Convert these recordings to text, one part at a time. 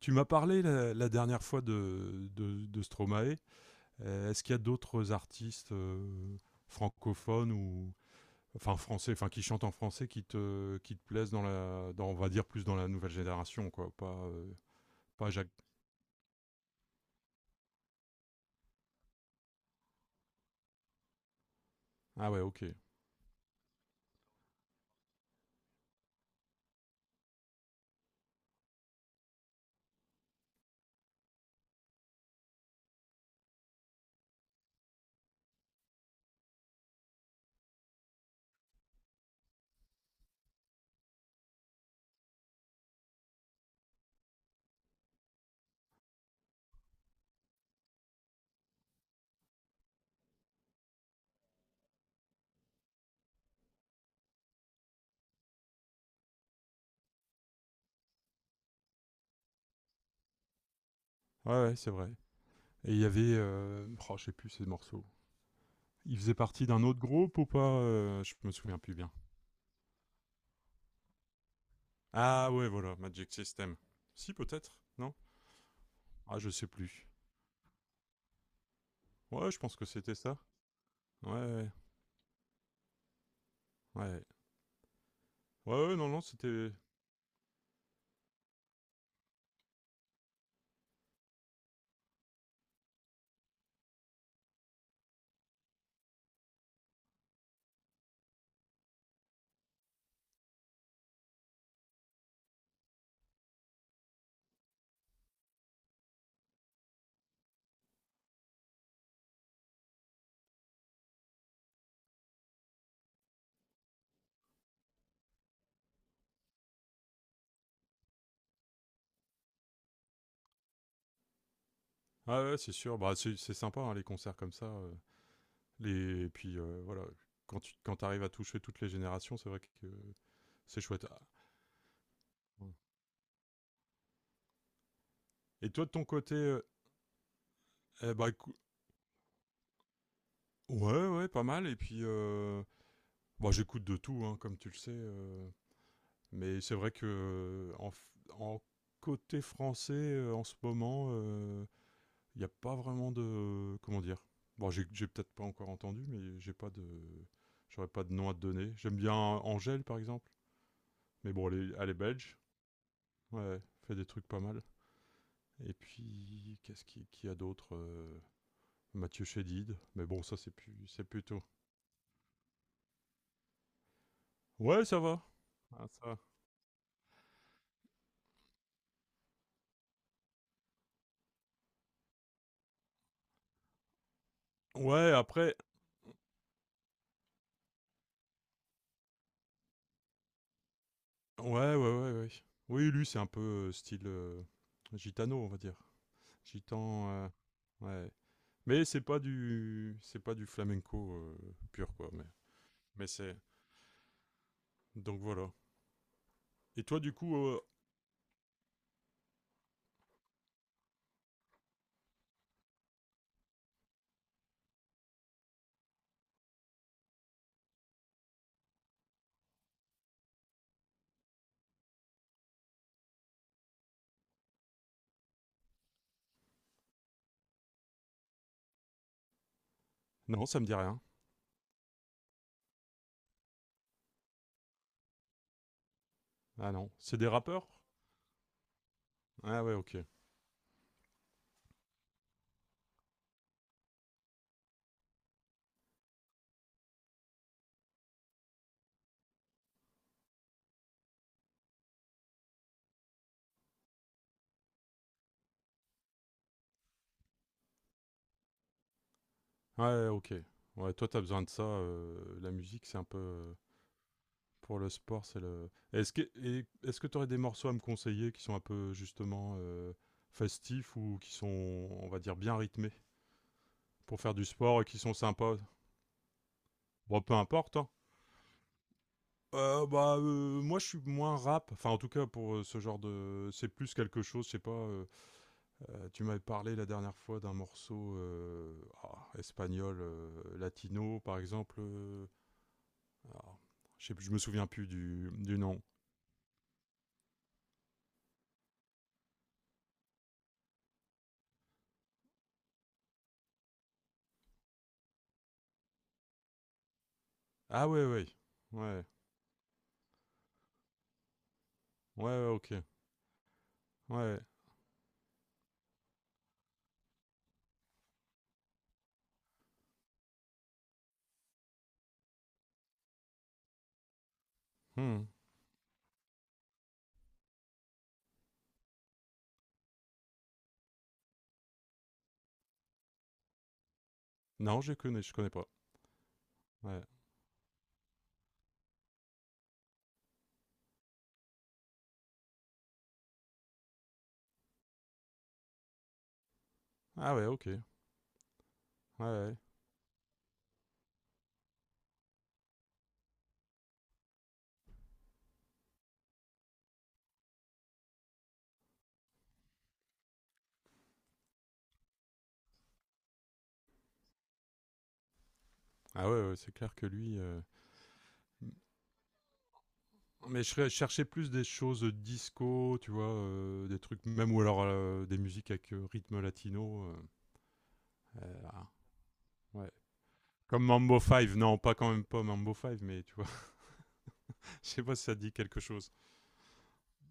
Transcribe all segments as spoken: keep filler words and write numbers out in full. Tu m'as parlé la, la dernière fois de, de, de Stromae. Euh, Est-ce qu'il y a d'autres artistes euh, francophones ou enfin français, enfin qui chantent en français, qui te qui te plaisent dans la, dans, on va dire plus dans la nouvelle génération, quoi. Pas euh, pas Jacques. Ah ouais, ok. Ouais, ouais, c'est vrai. Et il y avait, euh, oh, je sais plus ces morceaux. Il faisait partie d'un autre groupe ou pas? euh, Je me souviens plus bien. Ah ouais, voilà, Magic System. Si peut-être, non. Ah, je sais plus. Ouais, je pense que c'était ça. Ouais, ouais. Ouais. Ouais, ouais, non, non, c'était. Ah ouais, c'est sûr. Bah, c'est c'est sympa, hein, les concerts comme ça. euh, Les... Et puis, euh, voilà, quand tu quand t'arrives à toucher toutes les générations, c'est vrai que euh, c'est chouette. Ah, ouais. Et toi, de ton côté, euh, eh bah, écou- ouais, ouais, pas mal. Et puis, euh, bah, j'écoute de tout, hein, comme tu le sais. euh, Mais c'est vrai que euh, en, f- en côté français, euh, en ce moment, euh, il n'y a pas vraiment de. Comment dire? Bon, j'ai j'ai peut-être pas encore entendu, mais j'ai pas de. J'aurais pas de nom à te donner. J'aime bien Angèle, par exemple. Mais bon, elle est, elle est belge. Ouais, fait des trucs pas mal. Et puis, qu'est-ce qu'il qui y a d'autre? Euh, Mathieu Chédid. Mais bon, ça, c'est plus, c'est plutôt. Ouais, ça va. Ah, ça. Ouais, après. Ouais, ouais, ouais, ouais. Oui, lui, c'est un peu euh, style euh, gitano, on va dire. Gitan. euh, Ouais. Mais c'est pas du c'est pas du flamenco euh, pur quoi. Mais, mais c'est donc voilà. Et toi du coup, euh, non, ça me dit rien. Ah non, c'est des rappeurs. Ah ouais, ok. Ouais, ok. Ouais, toi t'as besoin de ça. Euh, la musique c'est un peu, euh, pour le sport c'est le. Est-ce que et- est-ce que t'aurais des morceaux à me conseiller qui sont un peu justement euh, festifs ou qui sont, on va dire, bien rythmés pour faire du sport et qui sont sympas. Bon, peu importe, hein. Euh, bah, euh, moi, je suis moins rap. Enfin, en tout cas, pour euh, ce genre de. C'est plus quelque chose, je sais pas. euh, euh, tu m'avais parlé la dernière fois d'un morceau, euh, ah, espagnol, euh, latino, par exemple. Euh, ah, je sais plus, je me souviens plus du, du nom. Ah, ouais, ouais. Ouais. Ouais, ouais, ok. Ouais. Hmm. Non, je connais, je connais pas. Ouais. Ah, ouais, ok. Ouais, ouais. Ah, ouais, ouais, c'est clair que lui. euh, Mais je serais- je cherchais plus des choses disco, tu vois, euh, des trucs, même, ou alors euh, des musiques avec euh, rythme latino. Euh, euh, ah, ouais. Comme Mambo Five, non, pas quand même pas Mambo Five, mais tu vois, je sais pas si ça dit quelque chose.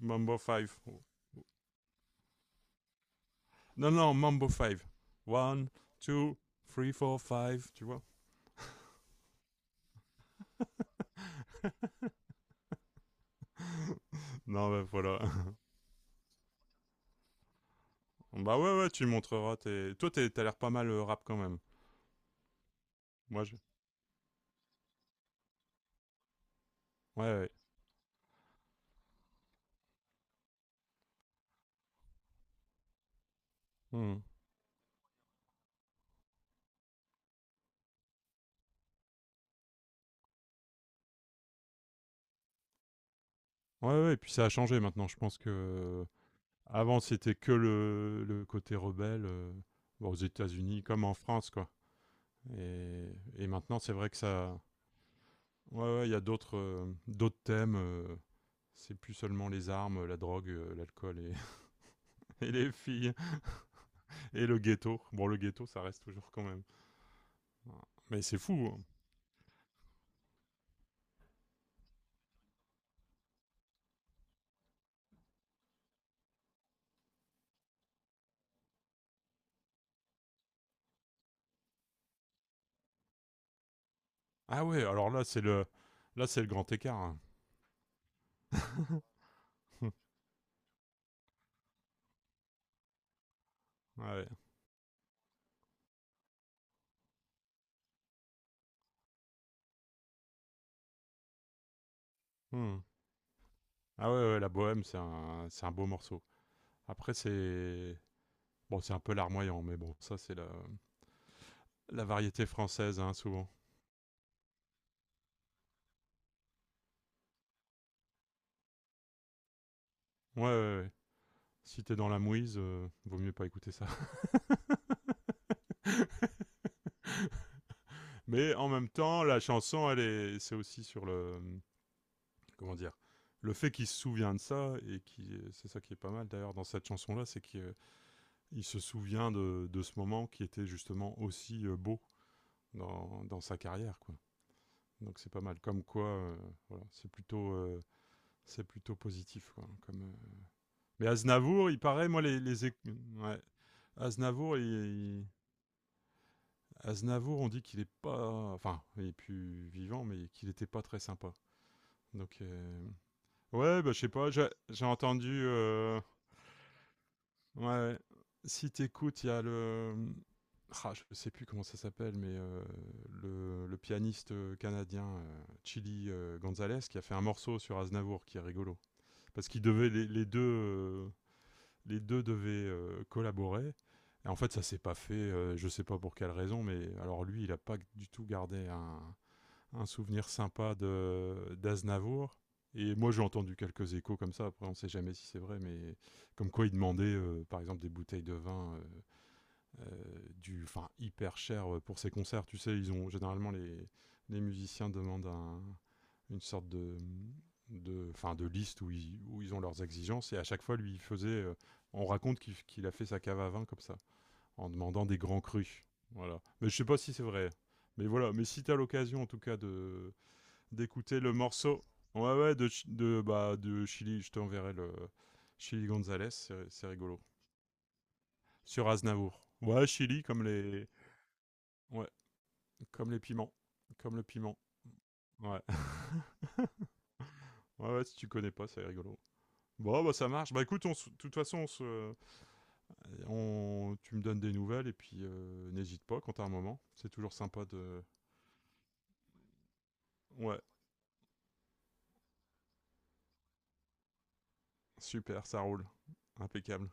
Mambo Five, oh, oh. Non, non, Mambo Five. One, two, three, four, five, tu vois. Non, bah, voilà. Bah ouais, ouais, tu montreras. Tes... Toi, t'es- t'as l'air pas mal euh, rap quand même. Moi, je. Ouais, ouais. Hmm. Ouais, ouais, et puis ça a changé maintenant. Je pense que. Avant, c'était que le, le côté rebelle, euh, bon, aux États-Unis comme en France, quoi. Et, et maintenant, c'est vrai que ça. Ouais, ouais, il y a d'autres euh, d'autres thèmes. Euh, c'est plus seulement les armes, la drogue, euh, l'alcool et, et les filles et le ghetto. Bon, le ghetto, ça reste toujours quand même. Mais c'est fou, hein. Ah ouais, alors là, c'est le là, c'est le grand écart, hein. Ouais. Hmm. Ah ouais, ouais, la bohème, c'est un, c'est un beau morceau. Après, c'est bon, c'est un peu larmoyant, mais bon, ça, c'est la La variété française, hein, souvent. Ouais, ouais, ouais. Si t'es dans la mouise, euh, vaut mieux pas écouter ça. Mais en même temps, la chanson, elle est, c'est aussi sur le, comment dire, le fait qu'il se souvient de ça et qui, c'est ça qui est pas mal d'ailleurs dans cette chanson-là, c'est qu'il euh, il se souvient de, de ce moment qui était justement aussi euh, beau dans, dans sa carrière, quoi. Donc c'est pas mal. Comme quoi, euh, voilà, c'est plutôt, euh, c'est plutôt positif. Quoi, comme, euh. Mais Aznavour, il paraît, moi, les, les éc- ouais. Aznavour, il, il- Aznavour, on dit qu'il est pas. Enfin, il est plus vivant, mais qu'il était pas très sympa. Donc. euh, Ouais, bah, je sais pas, j'ai j'ai entendu. euh, Ouais, si t'écoutes, il y a le. Ah, je sais plus comment ça s'appelle, mais euh, le, le pianiste euh, canadien, euh, Chili euh, Gonzalez, qui a fait un morceau sur Aznavour qui est rigolo. Parce qu'ils devaient, les, les deux, euh, les deux devaient euh, collaborer. Et en fait, ça s'est pas fait, euh, je sais pas pour quelle raison, mais alors lui, il a pas du tout gardé un, un souvenir sympa de d'Aznavour. Et moi, j'ai entendu quelques échos comme ça. Après, on ne sait jamais si c'est vrai, mais comme quoi il demandait, euh, par exemple, des bouteilles de vin, euh, euh, du, enfin, hyper cher pour ses concerts. Tu sais, ils ont généralement les, les, musiciens demandent un, une sorte de de, fin, de liste où ils, où ils ont leurs exigences. Et à chaque fois, lui, il faisait. Euh, on raconte qu'il qu'il a fait sa cave à vin comme ça, en demandant des grands crus. Voilà. Mais je sais pas si c'est vrai. Mais voilà. Mais si tu as l'occasion, en tout cas, de, d'écouter le morceau. Ouais, ouais, de, de, bah, de Chili. Je t'enverrai le. Chili Gonzalez, c'est c'est rigolo. Sur Aznavour. Ouais, Chili, comme les, ouais, comme les piments. Comme le piment. Ouais. Ouais, ouais, si tu connais pas, c'est rigolo. Bon, bah ça marche. Bah écoute, on se- de toute façon, on se, on, tu me donnes des nouvelles et puis euh, n'hésite pas quand t'as un moment. C'est toujours sympa de. Ouais, super, ça roule. Impeccable.